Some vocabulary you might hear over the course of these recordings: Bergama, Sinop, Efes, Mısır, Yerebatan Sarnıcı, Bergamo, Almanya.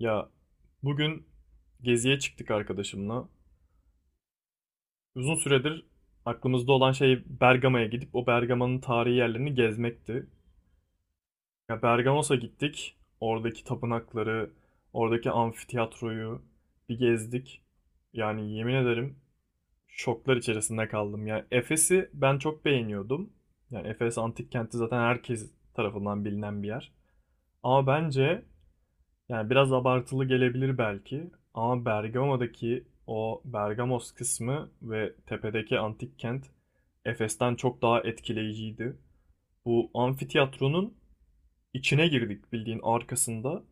Ya bugün geziye çıktık arkadaşımla. Uzun süredir aklımızda olan şey Bergama'ya gidip o Bergama'nın tarihi yerlerini gezmekti. Ya Bergamos'a gittik. Oradaki tapınakları, oradaki amfitiyatroyu bir gezdik. Yani yemin ederim şoklar içerisinde kaldım. Yani Efes'i ben çok beğeniyordum. Yani Efes antik kenti zaten herkes tarafından bilinen bir yer. Ama bence Yani biraz abartılı gelebilir belki ama Bergama'daki o Bergamos kısmı ve tepedeki antik kent Efes'ten çok daha etkileyiciydi. Bu amfiteyatronun içine girdik bildiğin arkasında.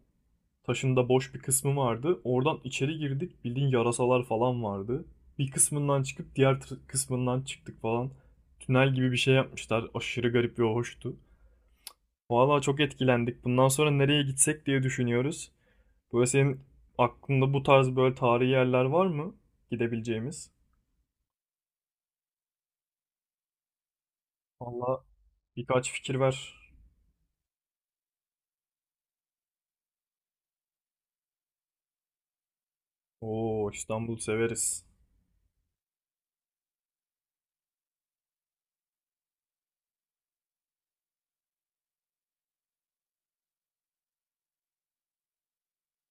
Taşında boş bir kısmı vardı. Oradan içeri girdik bildiğin yarasalar falan vardı. Bir kısmından çıkıp kısmından çıktık falan. Tünel gibi bir şey yapmışlar. Aşırı garip ve hoştu. Valla çok etkilendik. Bundan sonra nereye gitsek diye düşünüyoruz. Böyle senin aklında bu tarz böyle tarihi yerler var mı gidebileceğimiz? Valla birkaç fikir ver. Oo, İstanbul severiz.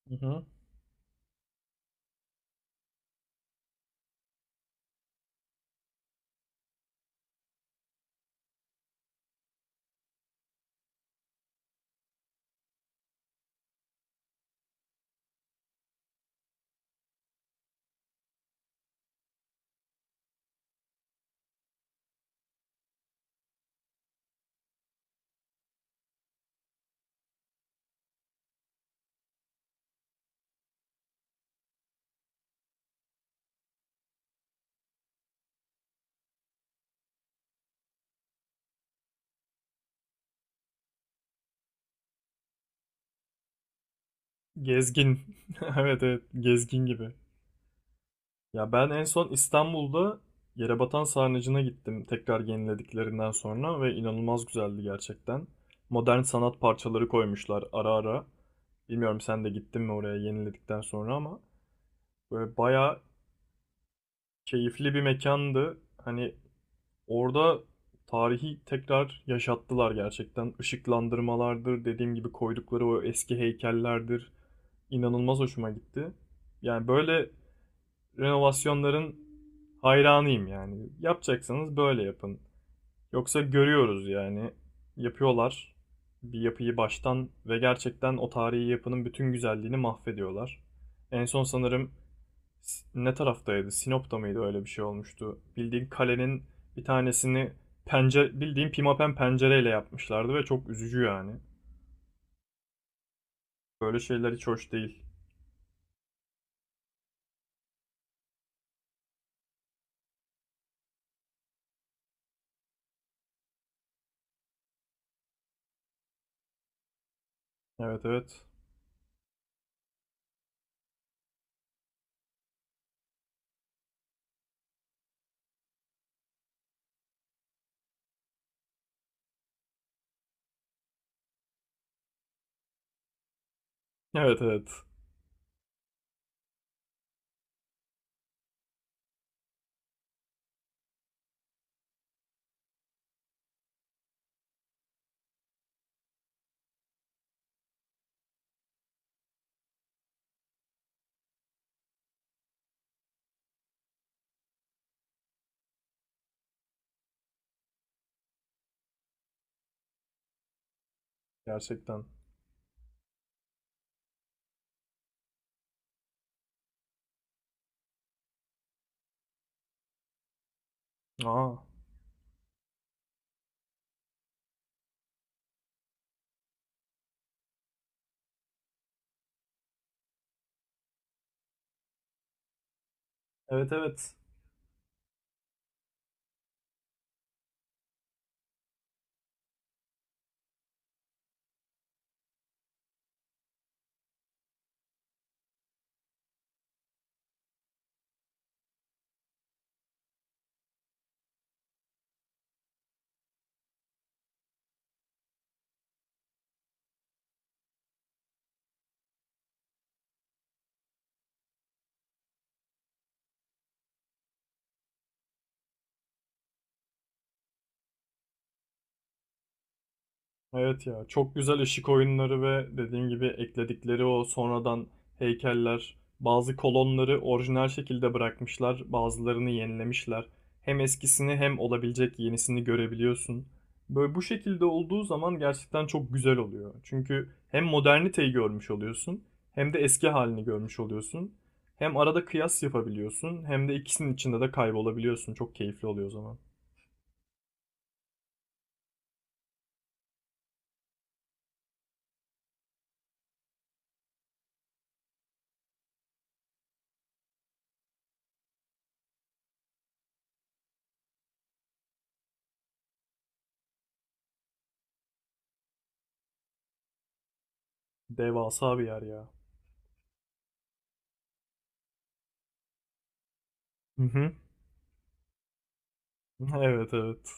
Hı hı. Gezgin. Evet, evet, gezgin gibi. Ya ben en son İstanbul'da Yerebatan Sarnıcı'na gittim tekrar yenilediklerinden sonra ve inanılmaz güzeldi gerçekten. Modern sanat parçaları koymuşlar ara ara. Bilmiyorum sen de gittin mi oraya yeniledikten sonra ama böyle bayağı keyifli bir mekandı. Hani orada tarihi tekrar yaşattılar gerçekten. Işıklandırmalardır, dediğim gibi koydukları o eski heykellerdir. İnanılmaz hoşuma gitti. Yani böyle renovasyonların hayranıyım yani. Yapacaksanız böyle yapın. Yoksa görüyoruz yani. Yapıyorlar bir yapıyı baştan ve gerçekten o tarihi yapının bütün güzelliğini mahvediyorlar. En son sanırım ne taraftaydı? Sinop'ta mıydı öyle bir şey olmuştu? Bildiğin kalenin bir tanesini pencere bildiğin pimapen pencereyle yapmışlardı ve çok üzücü yani. Böyle şeyler hiç hoş değil. Evet, evet. Evet, evet. Gerçekten. Aa. Evet, evet. Evet ya, çok güzel ışık oyunları ve dediğim gibi ekledikleri o sonradan heykeller, bazı kolonları orijinal şekilde bırakmışlar, bazılarını yenilemişler. Hem eskisini hem olabilecek yenisini görebiliyorsun. Böyle bu şekilde olduğu zaman gerçekten çok güzel oluyor. Çünkü hem moderniteyi görmüş oluyorsun, hem de eski halini görmüş oluyorsun. Hem arada kıyas yapabiliyorsun, hem de ikisinin içinde de kaybolabiliyorsun. Çok keyifli oluyor o zaman. Devasa bir yer ya. Hı hı. Evet, evet.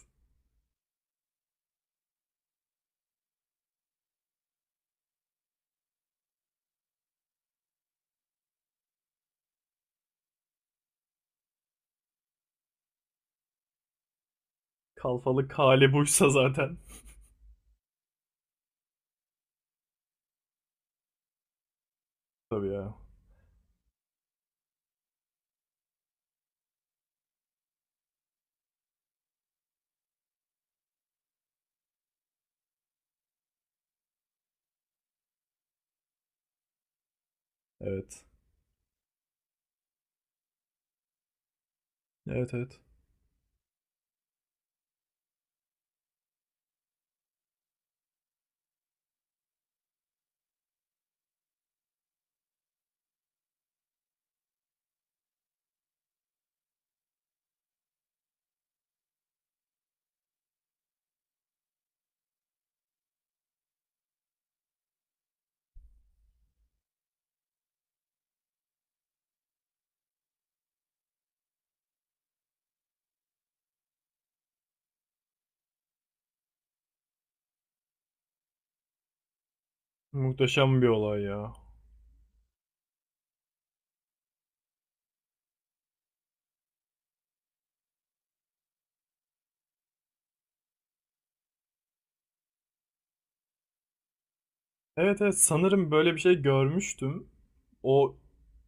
Kalfalık hali buysa zaten. Tabii ya. Evet. Evet, evet. Muhteşem bir olay ya. Evet, evet, sanırım böyle bir şey görmüştüm. O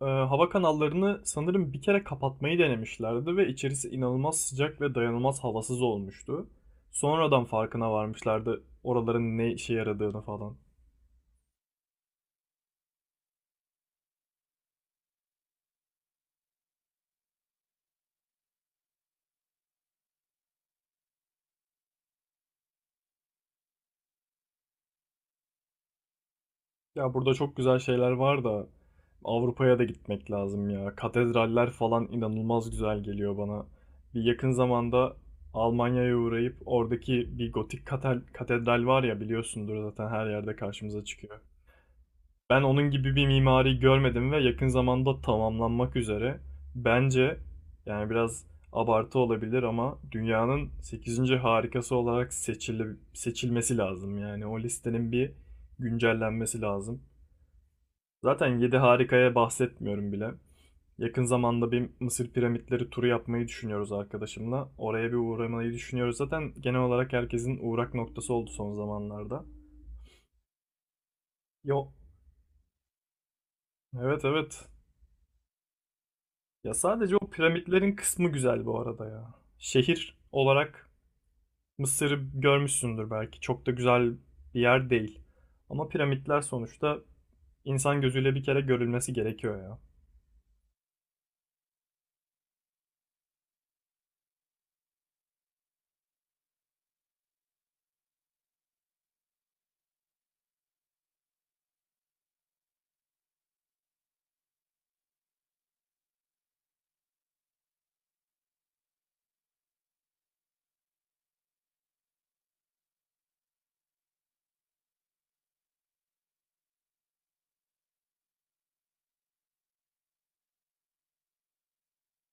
hava kanallarını sanırım bir kere kapatmayı denemişlerdi ve içerisi inanılmaz sıcak ve dayanılmaz havasız olmuştu. Sonradan farkına varmışlardı oraların ne işe yaradığını falan. Ya burada çok güzel şeyler var da, Avrupa'ya da gitmek lazım ya. Katedraller falan inanılmaz güzel geliyor bana. Bir yakın zamanda Almanya'ya uğrayıp oradaki bir gotik katedral var ya, biliyorsundur zaten, her yerde karşımıza çıkıyor. Ben onun gibi bir mimari görmedim ve yakın zamanda tamamlanmak üzere. Bence yani biraz abartı olabilir ama dünyanın sekizinci harikası olarak seçilmesi lazım. Yani o listenin bir güncellenmesi lazım. Zaten 7 harikaya bahsetmiyorum bile. Yakın zamanda bir Mısır piramitleri turu yapmayı düşünüyoruz arkadaşımla. Oraya bir uğramayı düşünüyoruz. Zaten genel olarak herkesin uğrak noktası oldu son zamanlarda. Yo, evet, evet. Ya sadece o piramitlerin kısmı güzel bu arada ya. Şehir olarak Mısır'ı görmüşsündür belki. Çok da güzel bir yer değil. Ama piramitler sonuçta insan gözüyle bir kere görülmesi gerekiyor ya.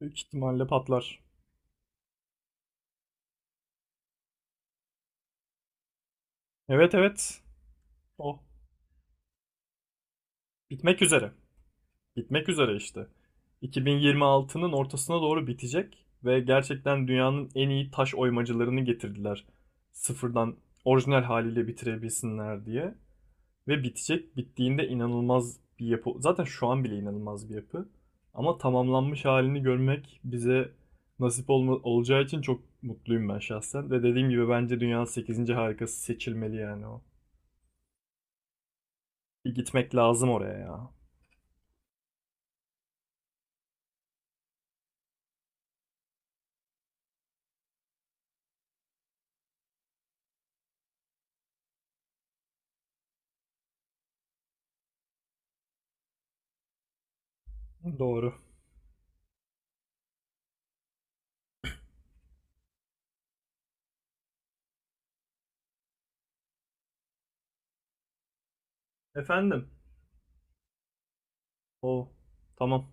Büyük ihtimalle patlar. Evet, evet. O bitmek üzere. Bitmek üzere işte. 2026'nın ortasına doğru bitecek ve gerçekten dünyanın en iyi taş oymacılarını getirdiler. Sıfırdan orijinal haliyle bitirebilsinler diye. Ve bitecek. Bittiğinde inanılmaz bir yapı. Zaten şu an bile inanılmaz bir yapı. Ama tamamlanmış halini görmek bize olacağı için çok mutluyum ben şahsen. Ve dediğim gibi bence dünyanın sekizinci harikası seçilmeli yani o. Bir gitmek lazım oraya ya. Doğru. Efendim, o tamam.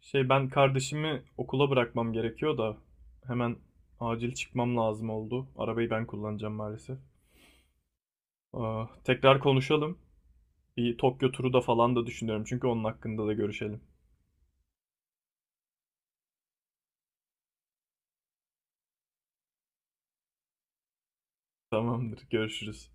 Şey, ben kardeşimi okula bırakmam gerekiyor da hemen acil çıkmam lazım oldu. Arabayı ben kullanacağım maalesef. Aa, tekrar konuşalım. Bir Tokyo turu da falan da düşünüyorum, çünkü onun hakkında da görüşelim. Tamamdır, görüşürüz.